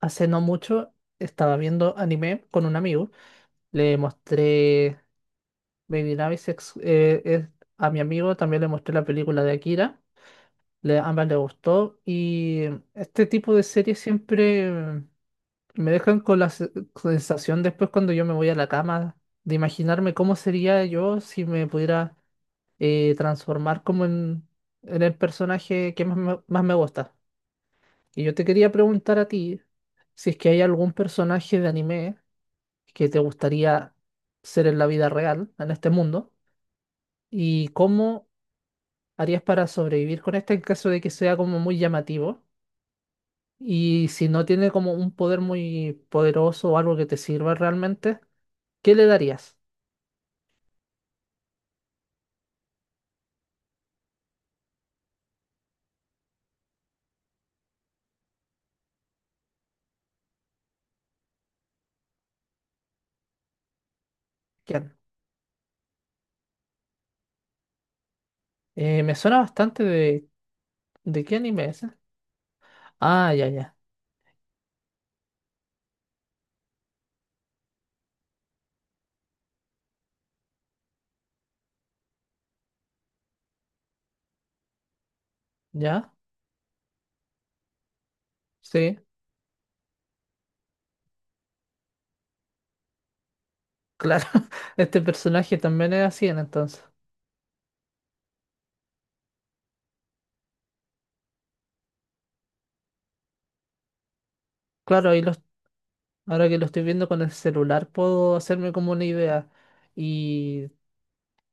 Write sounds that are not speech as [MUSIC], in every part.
Hace no mucho estaba viendo anime con un amigo. Le mostré Baby Navis Ex- a mi amigo. También le mostré la película de Akira. Ambas le gustó. Y este tipo de series siempre me dejan con la se- sensación después cuando yo me voy a la cama de imaginarme cómo sería yo si me pudiera transformar en el personaje que más me gusta. Y yo te quería preguntar a ti si es que hay algún personaje de anime que te gustaría ser en la vida real, en este mundo, y cómo harías para sobrevivir con este en caso de que sea como muy llamativo. Y si no tiene como un poder muy poderoso o algo que te sirva realmente, ¿qué le darías? ¿Quién? Me suena bastante ¿de qué anime es? ¿Ese? Ah, ya, ya, ya, sí, claro. [LAUGHS] Este personaje también es así, en entonces. Claro, ahí los, ahora que lo estoy viendo con el celular puedo hacerme como una idea. Y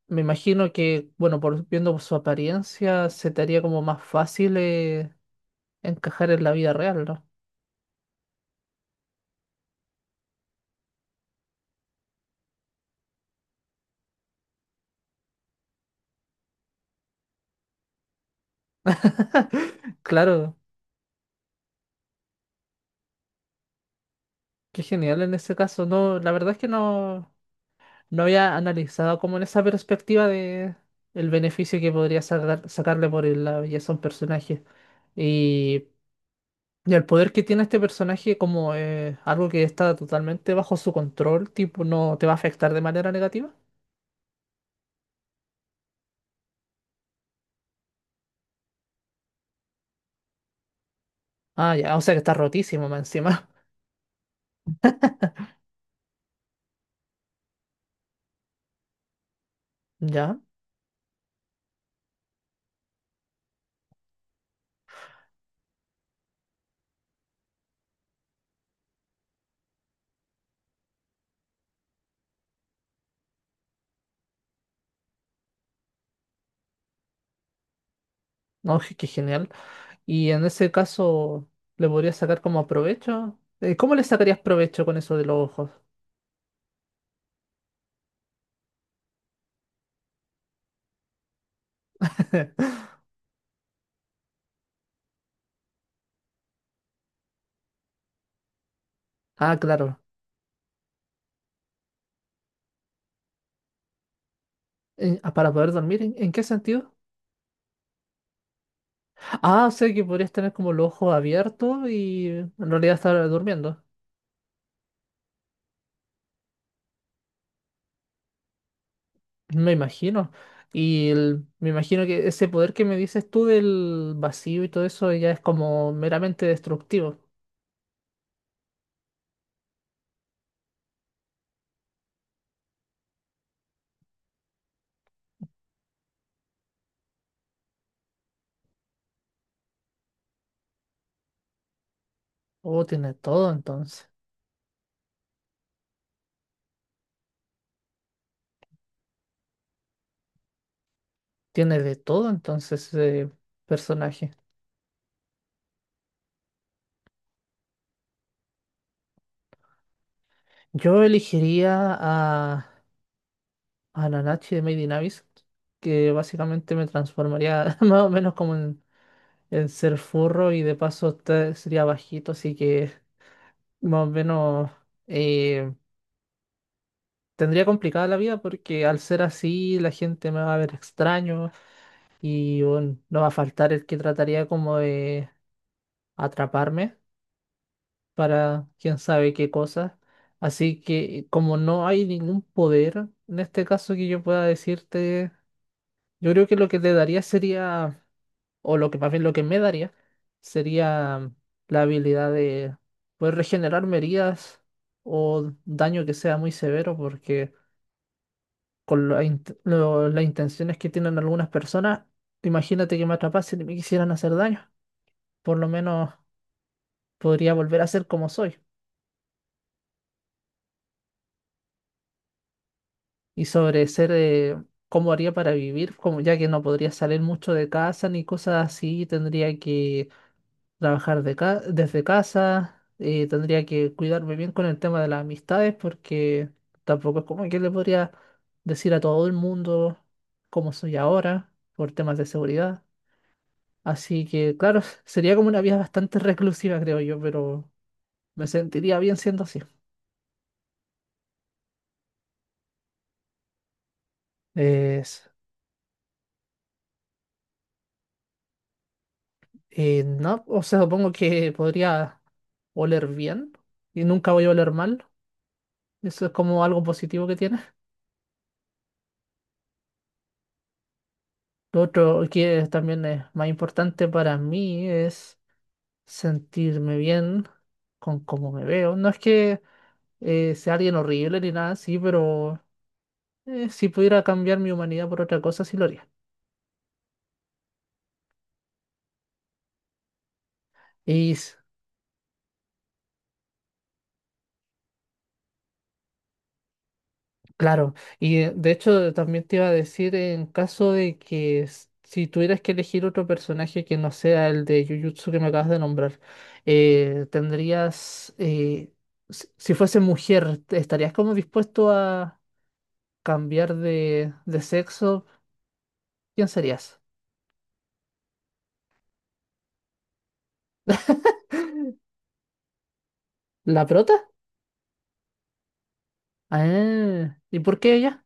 me imagino que, bueno, por, viendo por su apariencia, se te haría como más fácil encajar en la vida real, ¿no? [LAUGHS] Claro, qué genial en ese caso. No, la verdad es que no, no había analizado como en esa perspectiva de el beneficio que podría sacar- sacarle por el- la belleza a un personaje. Y, y el poder que tiene este personaje como algo que está totalmente bajo su control, tipo, no te va a afectar de manera negativa. Ah, ya, o sea que está rotísimo más encima. [LAUGHS] Ya. No, je- qué genial. Y en ese caso, ¿le podrías sacar como provecho? ¿Cómo le sacarías provecho con eso de los ojos? [LAUGHS] Ah, claro. En- ah, para poder dormir, en qué sentido? Ah, o sea que podrías tener como los ojos abiertos y en realidad estar durmiendo. Me imagino. Y el- me imagino que ese poder que me dices tú del vacío y todo eso ya es como meramente destructivo. Oh, tiene todo entonces. Tiene de todo entonces ese personaje. Yo elegiría a Nanachi de Made in Abyss, que básicamente me transformaría [LAUGHS] más o menos en ser furro y de paso te- sería bajito, así que más o menos eh, tendría complicada la vida porque al ser así la gente me va a ver extraño y bueno, no va a faltar el que trataría como de atraparme para quién sabe qué cosa. Así que como no hay ningún poder, en este caso que yo pueda decirte yo creo que lo que te daría sería, o lo que más bien lo que me daría, sería la habilidad de poder regenerarme heridas o daño que sea muy severo, porque con la int- lo- las intenciones que tienen algunas personas, imagínate que me atrapasen y me quisieran hacer daño. Por lo menos podría volver a ser como soy. Y sobre ser, cómo haría para vivir, como ya que no podría salir mucho de casa ni cosas así, tendría que trabajar de ca- desde casa, tendría que cuidarme bien con el tema de las amistades porque tampoco es como que le podría decir a todo el mundo cómo soy ahora por temas de seguridad. Así que, claro, [LAUGHS] sería como una vida bastante reclusiva, creo yo, pero me sentiría bien siendo así. Es, no, o sea, supongo que podría oler bien y nunca voy a oler mal. Eso es como algo positivo que tiene. Lo otro que también es más importante para mí es sentirme bien con cómo me veo. No es que sea alguien horrible ni nada así, pero si pudiera cambiar mi humanidad por otra cosa, sí lo haría. Y s- claro, y de hecho también te iba a decir en caso de que s- si tuvieras que elegir otro personaje que no sea el de Jujutsu que me acabas de nombrar, eh, tendrías... eh, si fuese mujer, ¿estarías como dispuesto a cambiar de sexo, ¿quién serías? [LAUGHS] ¿La prota? Ah, ¿y por qué ella?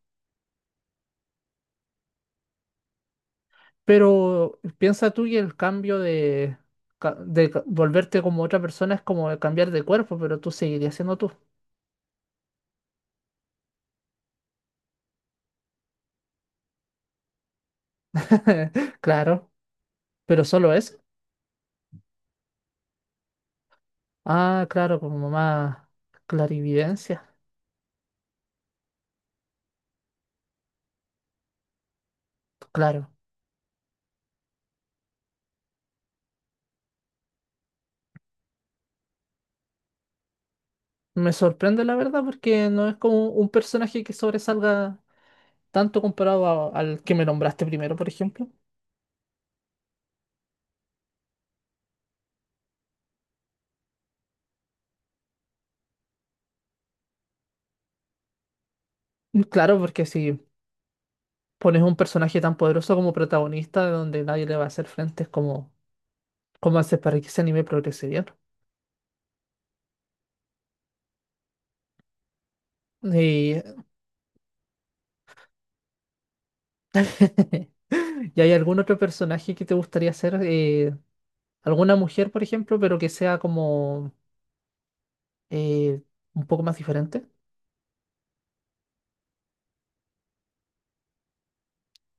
Pero piensa tú que el cambio de ca- volverte como otra persona es como cambiar de cuerpo, pero tú seguirías siendo tú. [LAUGHS] Claro, pero solo eso. Ah, claro, como más clarividencia. Claro. Me sorprende la verdad porque no es como un personaje que sobresalga tanto comparado a- al que me nombraste primero, por ejemplo. Claro, porque si pones un personaje tan poderoso como protagonista donde nadie le va a hacer frente, es como, ¿cómo haces para que ese anime progrese bien? Y, [LAUGHS] ¿y hay algún otro personaje que te gustaría hacer? ¿Alguna mujer, por ejemplo, pero que sea como eh, un poco más diferente?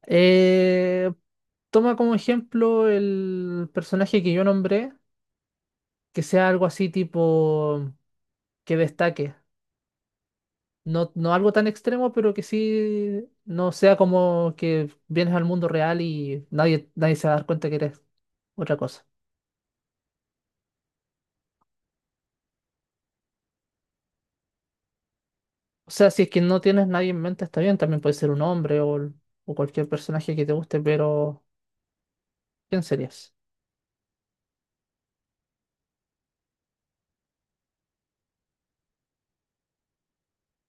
Eh, toma como ejemplo el personaje que yo nombré, que sea algo así tipo que destaque. No, no algo tan extremo, pero que sí no sea como que vienes al mundo real y nadie, nadie se va a dar cuenta que eres otra cosa. O sea, si es que no tienes nadie en mente, está bien, también puede ser un hombre o cualquier personaje que te guste, pero ¿quién serías?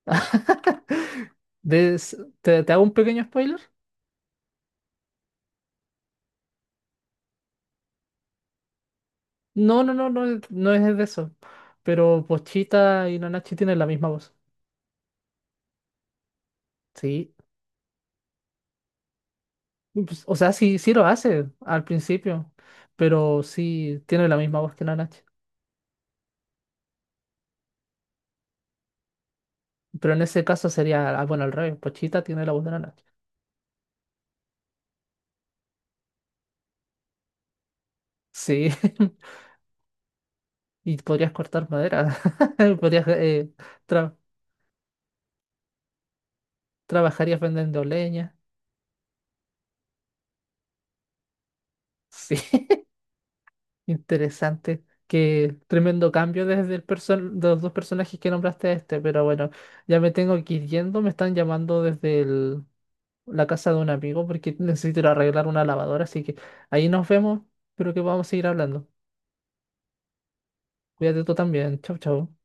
[LAUGHS] Des- ¿te, te hago un pequeño spoiler? No, no, no, no, es- no es de eso. Pero Pochita y Nanachi tienen la misma voz. Sí. Pues, o sea, sí, sí lo hace al principio, pero sí tiene la misma voz que Nanachi. Pero en ese caso sería, ah, bueno, al revés, Pochita tiene la voz de Nana. Sí, [LAUGHS] y podrías cortar madera, [LAUGHS] podrías, tra- trabajarías vendiendo leña. Sí, [LAUGHS] interesante. Qué tremendo cambio desde el person de los dos personajes que nombraste a este, pero bueno, ya me tengo que ir yendo, me están llamando desde el- la casa de un amigo porque necesito ir a arreglar una lavadora, así que ahí nos vemos, espero que podamos seguir hablando. Cuídate tú también, chau, chau.